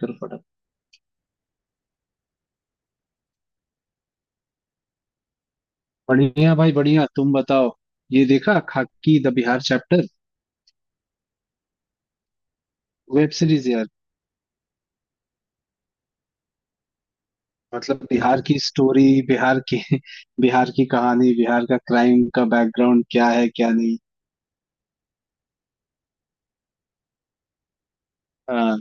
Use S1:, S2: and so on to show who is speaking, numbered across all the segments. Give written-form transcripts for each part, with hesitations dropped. S1: करो फटाफट। बढ़िया भाई बढ़िया, तुम बताओ। ये देखा Khakee the Bihar chapter web series यार। मतलब बिहार की स्टोरी बिहार की बिहार की कहानी, बिहार का क्राइम का बैकग्राउंड क्या है क्या नहीं। हाँ।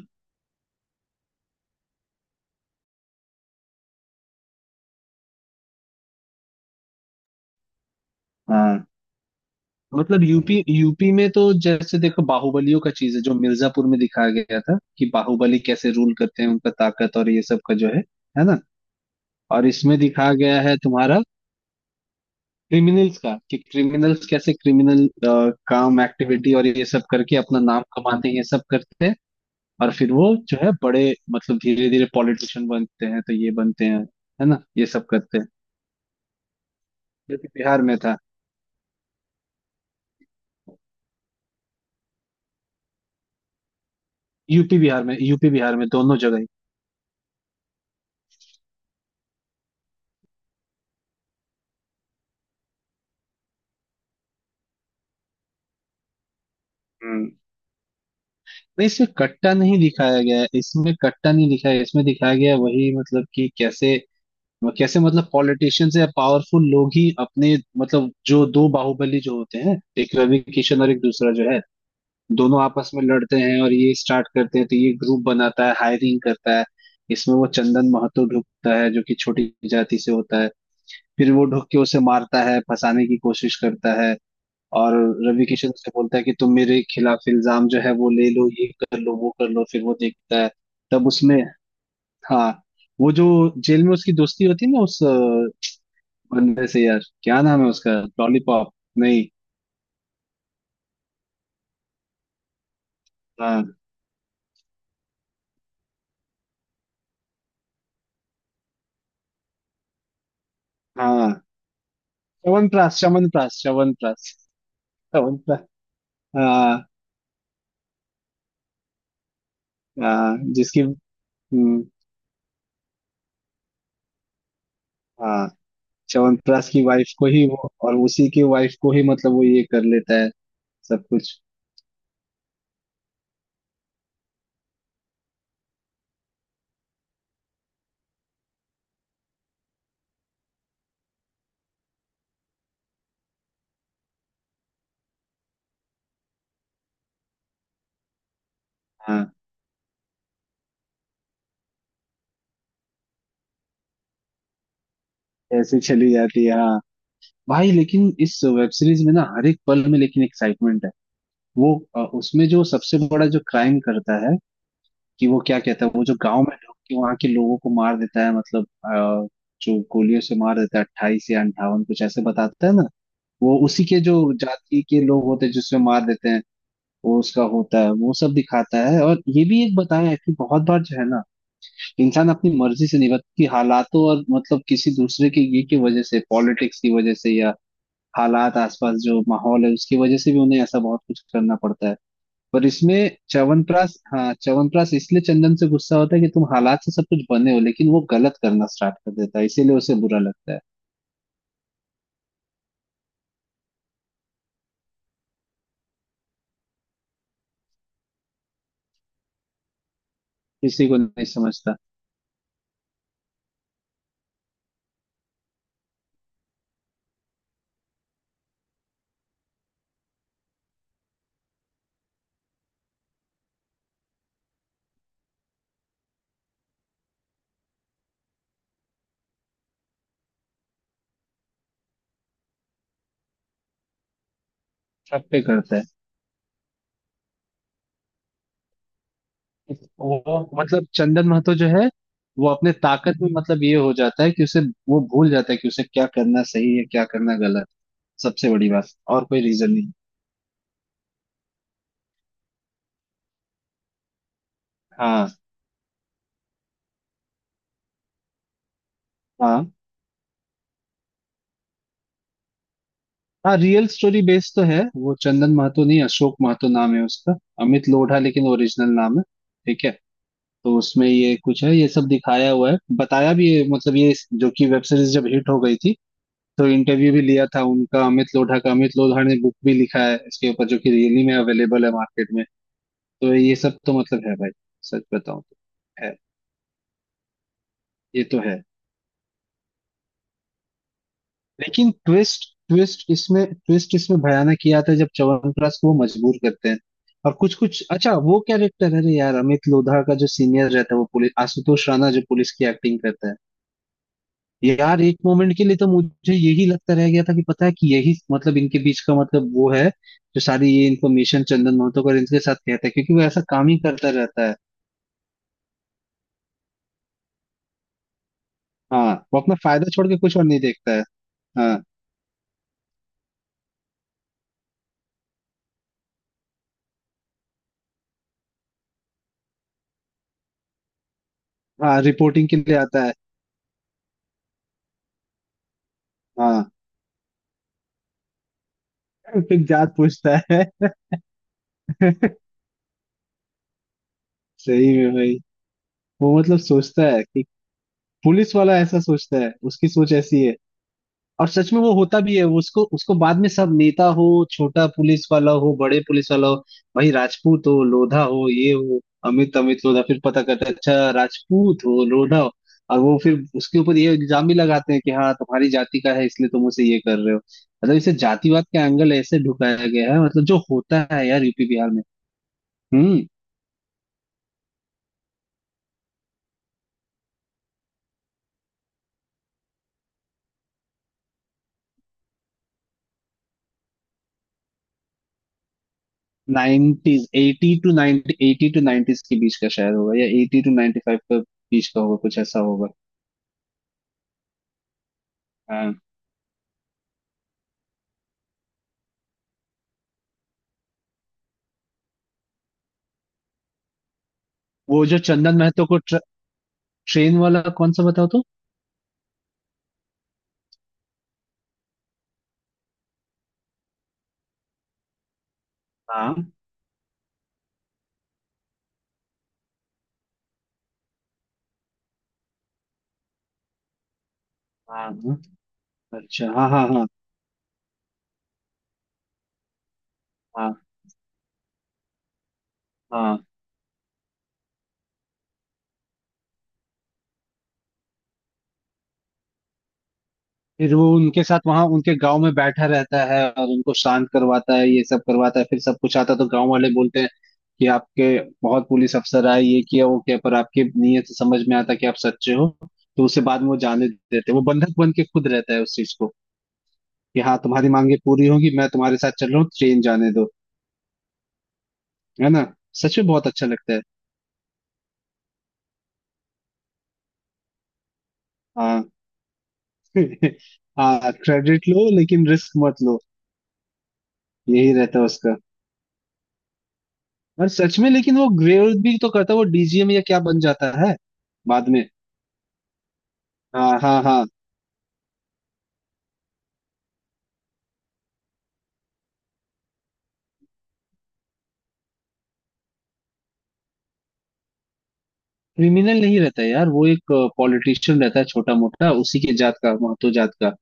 S1: हाँ, मतलब यूपी यूपी में तो जैसे देखो बाहुबलियों का चीज है, जो मिर्जापुर में दिखाया गया था कि बाहुबली कैसे रूल करते हैं, उनका ताकत और ये सब का जो है ना। और इसमें दिखाया गया है तुम्हारा क्रिमिनल्स का, कि क्रिमिनल्स कैसे क्रिमिनल काम एक्टिविटी और ये सब करके अपना नाम कमाते हैं, ये सब करते हैं। और फिर वो जो है बड़े, मतलब धीरे धीरे पॉलिटिशियन बनते हैं, तो ये बनते हैं, है ना, ये सब करते हैं, जो कि बिहार में था। यूपी बिहार में, यूपी बिहार में दोनों जगह ही। हम्म। नहीं, इसमें कट्टा नहीं दिखाया गया है, इसमें कट्टा नहीं दिखाया, इसमें दिखाया गया है वही, मतलब कि कैसे, कैसे मतलब पॉलिटिशियंस या पावरफुल लोग ही अपने, मतलब जो दो बाहुबली जो होते हैं, एक रवि किशन और एक दूसरा जो है, दोनों आपस में लड़ते हैं और ये स्टार्ट करते हैं, तो ये ग्रुप बनाता है, हायरिंग करता है। इसमें वो चंदन महतो ढुकता है, जो कि छोटी जाति से होता है। फिर वो ढुक के उसे मारता है, फंसाने की कोशिश करता है। और रवि किशन उसे बोलता है कि तुम मेरे खिलाफ इल्जाम जो है वो ले लो, ये कर लो वो कर लो, फिर वो देखता है। तब उसमें, हाँ, वो जो जेल में उसकी दोस्ती होती है ना उस बंदे से, यार क्या नाम है उसका? लॉलीपॉप? नहीं। हाँ हाँ, च्यवनप्राश च्यवनप्राश च्यवनप्राश, च्यवनप्राश। हाँ हाँ, जिसकी, हम्म, हाँ च्यवनप्राश की वाइफ को ही वो, और उसी की वाइफ को ही मतलब वो ये कर लेता है सब कुछ। हाँ, ऐसे चली जाती है, हाँ। भाई, लेकिन इस वेब सीरीज में ना हर एक पल में लेकिन एक्साइटमेंट है। वो उसमें जो सबसे बड़ा जो क्राइम करता है, कि वो क्या कहता है, वो जो गांव में ढुक के वहां के लोगों को मार देता है, मतलब जो गोलियों से मार देता है, 28 या 58 कुछ ऐसे बताता है ना। वो उसी के जो जाति के लोग होते हैं, जिसमें मार देते हैं। वो उसका होता है, वो सब दिखाता है। और ये भी एक बताया है कि बहुत बार जो है ना, इंसान अपनी मर्जी से नहीं, बल्कि हालातों, और मतलब किसी दूसरे के ये की वजह से, पॉलिटिक्स की वजह से, या हालात, आसपास जो माहौल है उसकी वजह से भी उन्हें ऐसा बहुत कुछ करना पड़ता है। पर इसमें च्यवनप्राश, हाँ, च्यवनप्राश इसलिए चंदन से गुस्सा होता है कि तुम हालात से सब कुछ बने हो, लेकिन वो गलत करना स्टार्ट कर देता है, इसीलिए उसे बुरा लगता है। किसी को नहीं समझता, सब पे करता है। वो मतलब चंदन महतो जो है, वो अपने ताकत में मतलब ये हो जाता है कि उसे, वो भूल जाता है कि उसे क्या करना सही है क्या करना गलत। सबसे बड़ी बात, और कोई रीजन नहीं। हाँ हाँ। हाँ रियल स्टोरी बेस्ड तो है। वो चंदन महतो नहीं, अशोक महतो नाम है उसका। अमित लोढ़ा लेकिन ओरिजिनल नाम है। ठीक है, तो उसमें ये कुछ है, ये सब दिखाया हुआ है, बताया भी है मतलब ये, जो कि वेब सीरीज जब हिट हो गई थी, तो इंटरव्यू भी लिया था उनका अमित लोढ़ा का, अमित लोढ़ा ने बुक भी लिखा है इसके ऊपर, जो कि रियली में अवेलेबल है मार्केट में। तो ये सब तो मतलब है भाई, सच बताऊं तो है, ये तो है। लेकिन ट्विस्ट, ट्विस्ट इसमें ट्विस्ट, इसमें भयानक ये आता है जब च्यवनप्राश को वो मजबूर करते हैं। और कुछ कुछ अच्छा वो कैरेक्टर है रे यार अमित लोढ़ा का, जो सीनियर रहता है वो पुलिस, आशुतोष राणा जो पुलिस की एक्टिंग करता है। यार एक मोमेंट के लिए तो मुझे यही लगता रह गया था कि पता है कि यही, मतलब इनके बीच का मतलब वो है, जो सारी ये इन्फॉर्मेशन चंदन महतो का इनके साथ कहता है, क्योंकि वो ऐसा काम ही करता रहता है। हाँ वो अपना फायदा छोड़ के कुछ और नहीं देखता है। हाँ। हाँ रिपोर्टिंग के लिए आता है। हाँ, फिर जात पूछता है। सही में भाई, वो मतलब सोचता है कि, पुलिस वाला ऐसा सोचता है, उसकी सोच ऐसी है। और सच में वो होता भी है, उसको उसको बाद में सब, नेता हो, छोटा पुलिस वाला हो, बड़े पुलिस वाला हो, भाई राजपूत हो लोधा हो ये हो। अमित अमित लोधा फिर पता करता है, अच्छा राजपूत हो लोधा हो। और वो फिर उसके ऊपर ये इल्जाम भी लगाते हैं कि हाँ तुम्हारी जाति का है, इसलिए तुम उसे ये कर रहे हो। मतलब इसे जातिवाद का एंगल ऐसे ढुकाया गया है, मतलब जो होता है यार यूपी बिहार में। हम्म। नाइनटीज 82 90 82 नाइनटीज के बीच का शायद होगा, या 82-95 के बीच का होगा, कुछ ऐसा होगा। हाँ। वो जो चंदन महतो को ट्रेन वाला कौन सा बताओ तो? हाँ हाँ हाँ, अच्छा हाँ हाँ हाँ हाँ हाँ। फिर वो उनके साथ वहां उनके गांव में बैठा रहता है और उनको शांत करवाता है, ये सब करवाता है, फिर सब कुछ आता है तो गांव वाले बोलते हैं कि आपके, बहुत पुलिस अफसर आए ये किया वो किया, पर आपकी नीयत से समझ में आता कि आप सच्चे हो। तो उसे बाद में वो जाने देते हैं। वो बंधक बन के खुद रहता है उस चीज को, कि हाँ तुम्हारी मांगे पूरी होगी, मैं तुम्हारे साथ चल रहा हूँ, ट्रेन जाने दो, है ना। सच में बहुत अच्छा लगता है। हाँ। हाँ क्रेडिट लो लेकिन रिस्क मत लो, यही रहता है उसका। और सच में लेकिन वो ग्रेव भी तो करता है, वो डीजीएम या क्या बन जाता है बाद में। हाँ हाँ हाँ। क्रिमिनल नहीं रहता है यार, वो एक पॉलिटिशियन रहता है छोटा मोटा, उसी के जात का, महतो जात का।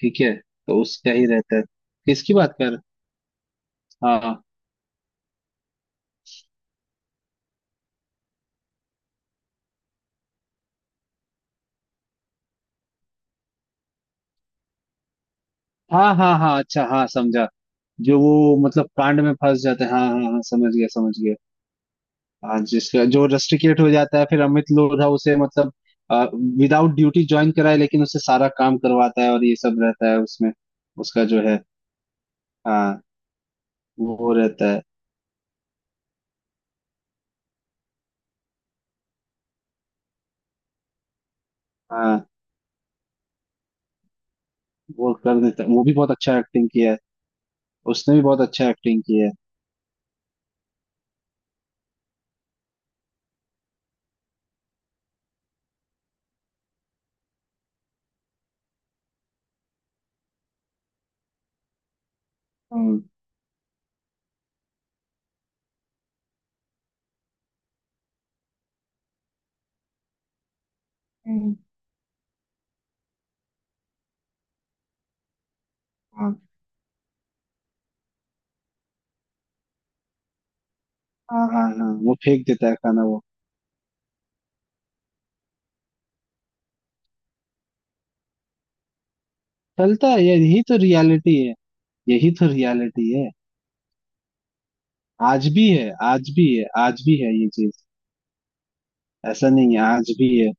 S1: ठीक है, तो उसका ही रहता है। किसकी बात कर? हाँ हाँ हाँ हाँ, अच्छा हाँ समझा, जो वो मतलब कांड में फंस जाते हैं, हाँ हाँ हाँ समझ गया समझ गया। हाँ जिसका जो रस्टिकेट हो जाता है, फिर अमित लोढ़ा उसे मतलब विदाउट ड्यूटी ज्वाइन कराए, लेकिन उसे सारा काम करवाता है और ये सब रहता है उसमें, उसका जो है, हाँ वो रहता है। हाँ वो कर देता है, वो भी बहुत अच्छा एक्टिंग किया है, उसने भी बहुत अच्छा एक्टिंग किया है। हम्म। हाँ हाँ हाँ वो फेंक देता है खाना वो। चलता है, यही तो रियलिटी है, यही तो रियलिटी है। आज भी है, आज भी है, आज भी है ये चीज, ऐसा नहीं है, आज भी है।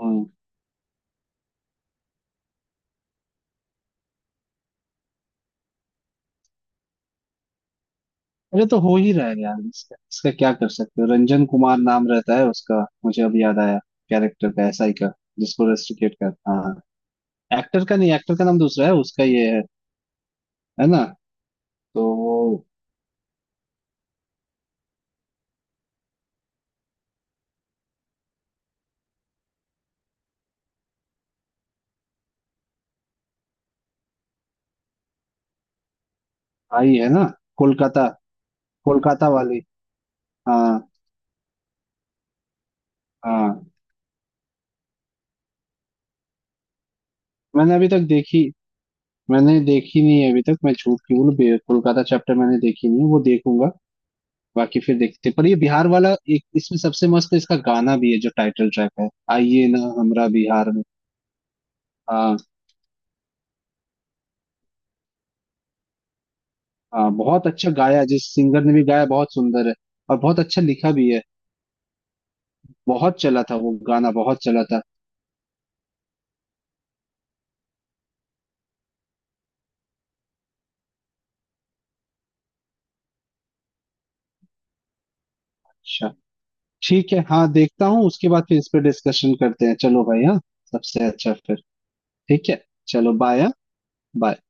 S1: हम्म। अरे तो हो ही रहा है यार, इसका इसका क्या कर सकते हो? रंजन कुमार नाम रहता है उसका, मुझे अब याद आया, कैरेक्टर का, एसआई का, जिसको रेस्ट्रिकेट कर, हाँ, एक्टर का नहीं, एक्टर का नाम दूसरा है, उसका ये है ना, तो वो। आई है ना, कोलकाता, कोलकाता वाली, हाँ, हाँ मैंने अभी तक देखी, मैंने देखी नहीं है अभी तक, मैं झूठ क्यों बोलूं बे- कोलकाता चैप्टर मैंने देखी नहीं है, वो देखूंगा। बाकी फिर देखते, पर ये बिहार वाला। एक इसमें सबसे मस्त इसका गाना भी है जो टाइटल ट्रैक है, आइए ना हमरा बिहार में। हाँ। हाँ बहुत अच्छा गाया, जिस सिंगर ने भी गाया बहुत सुंदर है, और बहुत अच्छा लिखा भी है। बहुत चला था वो गाना, बहुत चला था। अच्छा ठीक है, हाँ देखता हूँ, उसके बाद फिर इस पे डिस्कशन करते हैं, चलो भाई हाँ, सबसे अच्छा, फिर ठीक है। चलो बाय हाँ, बाय।